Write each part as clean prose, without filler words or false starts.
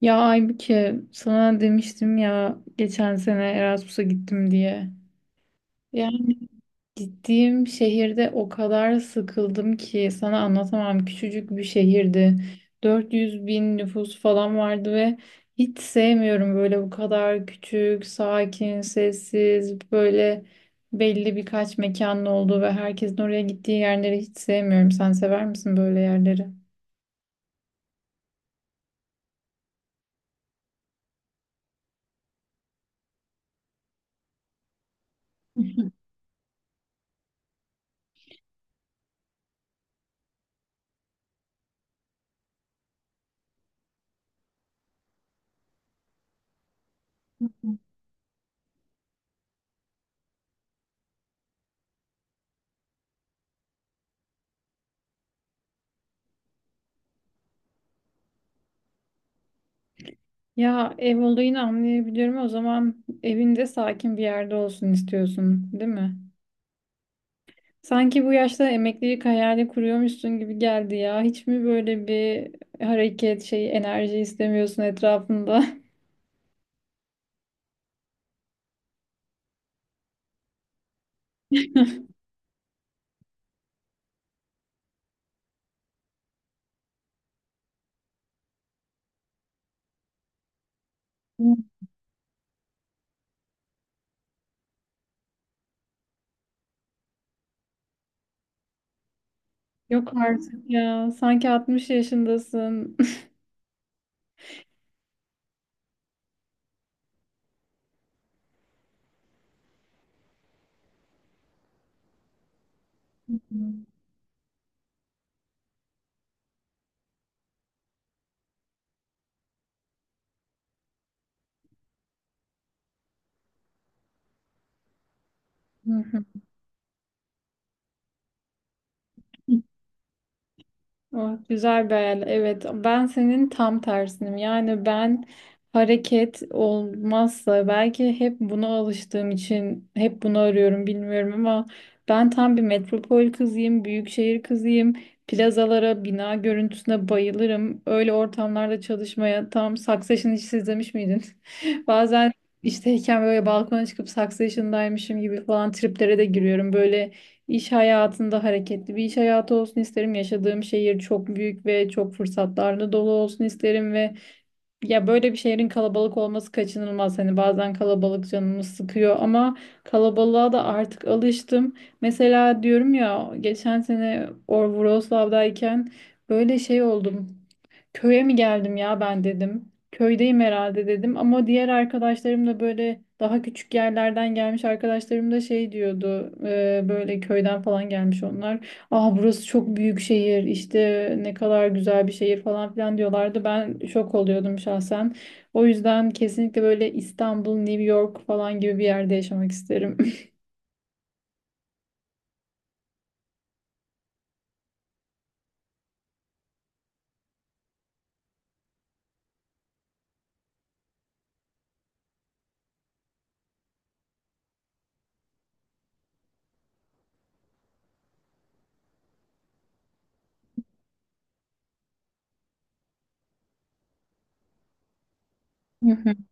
Ya Aybüke sana demiştim ya geçen sene Erasmus'a gittim diye. Yani gittiğim şehirde o kadar sıkıldım ki sana anlatamam. Küçücük bir şehirdi. 400 bin nüfus falan vardı ve hiç sevmiyorum böyle bu kadar küçük, sakin, sessiz, böyle belli birkaç mekanın olduğu ve herkesin oraya gittiği yerleri hiç sevmiyorum. Sen sever misin böyle yerleri? Ya ev olayını anlayabiliyorum. O zaman evinde sakin bir yerde olsun istiyorsun, değil mi? Sanki bu yaşta emeklilik hayali kuruyormuşsun gibi geldi ya. Hiç mi böyle bir hareket, şey, enerji istemiyorsun etrafında? Yok artık ya. Sanki 60 yaşındasın. Hı hı. Ah, güzel bir hayal. Evet, ben senin tam tersinim. Yani ben hareket olmazsa belki hep buna alıştığım için hep bunu arıyorum bilmiyorum ama ben tam bir metropol kızıyım, büyük şehir kızıyım. Plazalara, bina görüntüsüne bayılırım. Öyle ortamlarda çalışmaya tam Succession'ı hiç izlemiş miydin? Bazen işteyken böyle balkona çıkıp Succession'daymışım gibi falan triplere de giriyorum. Böyle İş hayatında hareketli bir iş hayatı olsun isterim. Yaşadığım şehir çok büyük ve çok fırsatlarla dolu olsun isterim ve ya böyle bir şehrin kalabalık olması kaçınılmaz. Hani bazen kalabalık canımı sıkıyor ama kalabalığa da artık alıştım. Mesela diyorum ya geçen sene Wrocław'dayken böyle şey oldum. Köye mi geldim ya ben dedim. Köydeyim herhalde dedim ama diğer arkadaşlarım da böyle daha küçük yerlerden gelmiş arkadaşlarım da şey diyordu böyle köyden falan gelmiş onlar. Ah burası çok büyük şehir işte ne kadar güzel bir şehir falan filan diyorlardı. Ben şok oluyordum şahsen. O yüzden kesinlikle böyle İstanbul, New York falan gibi bir yerde yaşamak isterim.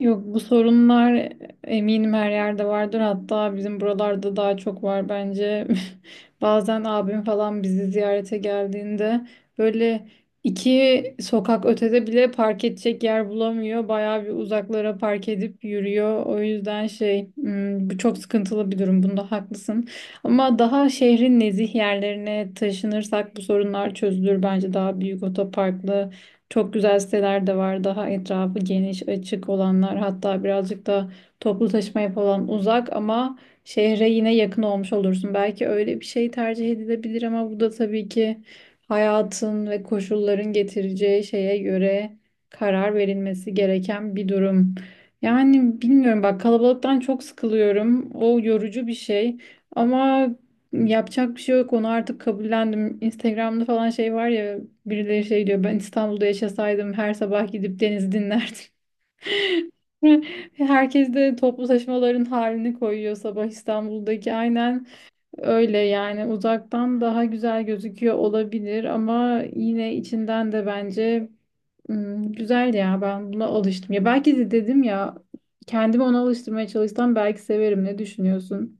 Yok, bu sorunlar eminim her yerde vardır. Hatta bizim buralarda daha çok var bence. Bazen abim falan bizi ziyarete geldiğinde böyle iki sokak ötede bile park edecek yer bulamıyor. Bayağı bir uzaklara park edip yürüyor. O yüzden şey bu çok sıkıntılı bir durum. Bunda haklısın. Ama daha şehrin nezih yerlerine taşınırsak bu sorunlar çözülür bence, daha büyük otoparklı çok güzel siteler de var. Daha etrafı geniş, açık olanlar. Hatta birazcık da toplu taşımaya falan uzak ama şehre yine yakın olmuş olursun. Belki öyle bir şey tercih edilebilir ama bu da tabii ki hayatın ve koşulların getireceği şeye göre karar verilmesi gereken bir durum. Yani bilmiyorum, bak, kalabalıktan çok sıkılıyorum. O yorucu bir şey. Ama yapacak bir şey yok, onu artık kabullendim. Instagram'da falan şey var ya, birileri şey diyor: ben İstanbul'da yaşasaydım her sabah gidip denizi dinlerdim. Herkes de toplu taşımaların halini koyuyor sabah İstanbul'daki, aynen öyle. Yani uzaktan daha güzel gözüküyor olabilir ama yine içinden de bence güzel ya, ben buna alıştım. Ya belki de, dedim ya, kendimi ona alıştırmaya çalışsam belki severim, ne düşünüyorsun?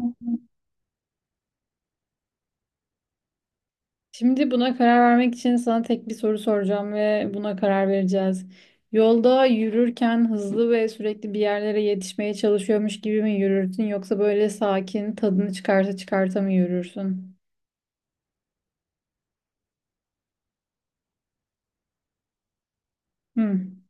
Evet. Şimdi buna karar vermek için sana tek bir soru soracağım ve buna karar vereceğiz. Yolda yürürken hızlı ve sürekli bir yerlere yetişmeye çalışıyormuş gibi mi yürürsün yoksa böyle sakin tadını çıkarsa çıkarta mı yürürsün? Hmm.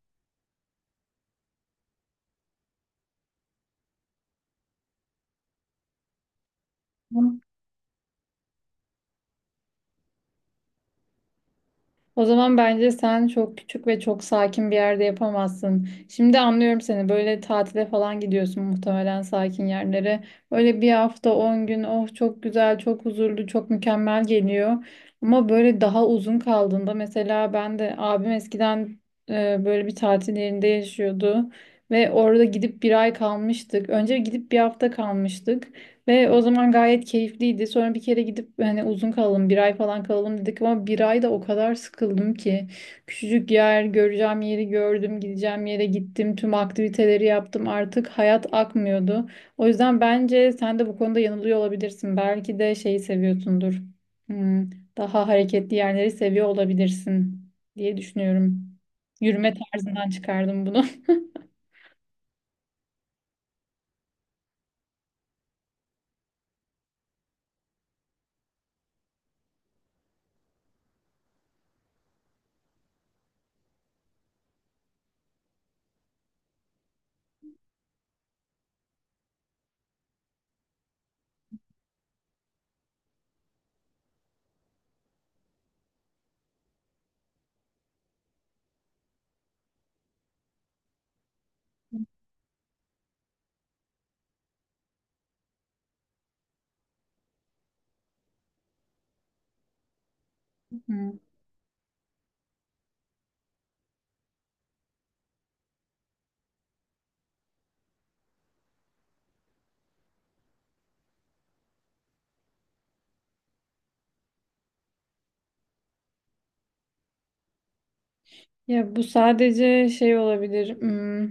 O zaman bence sen çok küçük ve çok sakin bir yerde yapamazsın. Şimdi anlıyorum seni. Böyle tatile falan gidiyorsun muhtemelen, sakin yerlere. Böyle bir hafta, 10 gün, oh, çok güzel, çok huzurlu, çok mükemmel geliyor. Ama böyle daha uzun kaldığında... Mesela ben de, abim eskiden böyle bir tatil yerinde yaşıyordu ve orada gidip bir ay kalmıştık. Önce gidip bir hafta kalmıştık. Ve o zaman gayet keyifliydi. Sonra bir kere gidip, hani uzun kalalım, bir ay falan kalalım dedik, ama bir ay da o kadar sıkıldım ki. Küçücük yer, göreceğim yeri gördüm, gideceğim yere gittim, tüm aktiviteleri yaptım. Artık hayat akmıyordu. O yüzden bence sen de bu konuda yanılıyor olabilirsin. Belki de şeyi seviyorsundur. Hmm, daha hareketli yerleri seviyor olabilirsin diye düşünüyorum. Yürüme tarzından çıkardım bunu. Ya bu sadece şey olabilir.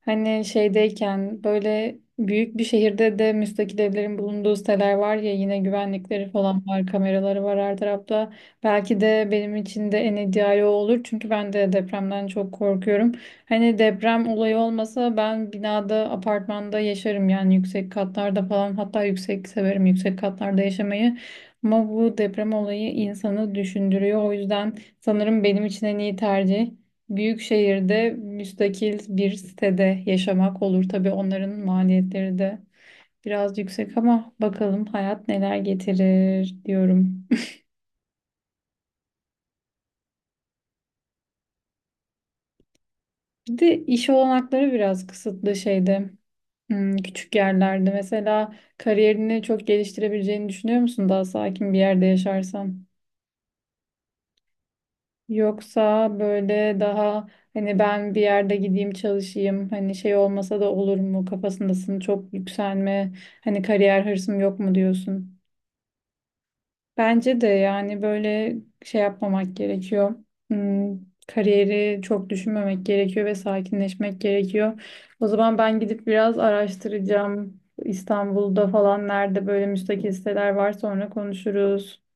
Hani şeydeyken, böyle büyük bir şehirde de müstakil evlerin bulunduğu siteler var ya, yine güvenlikleri falan var, kameraları var her tarafta. Belki de benim için de en ideali o olur. Çünkü ben de depremden çok korkuyorum. Hani deprem olayı olmasa ben binada, apartmanda yaşarım yani, yüksek katlarda falan. Hatta yüksek severim, yüksek katlarda yaşamayı. Ama bu deprem olayı insanı düşündürüyor. O yüzden sanırım benim için en iyi tercih büyük şehirde müstakil bir sitede yaşamak olur. Tabii onların maliyetleri de biraz yüksek, ama bakalım hayat neler getirir diyorum. Bir de iş olanakları biraz kısıtlı şeyde, küçük yerlerde. Mesela kariyerini çok geliştirebileceğini düşünüyor musun daha sakin bir yerde yaşarsan? Yoksa böyle daha, hani, ben bir yerde gideyim çalışayım, hani şey olmasa da olur mu kafasındasın, çok yükselme, hani kariyer hırsım yok mu diyorsun? Bence de yani böyle şey yapmamak gerekiyor. Hmm, kariyeri çok düşünmemek gerekiyor ve sakinleşmek gerekiyor. O zaman ben gidip biraz araştıracağım. İstanbul'da falan nerede böyle müstakil siteler var, sonra konuşuruz.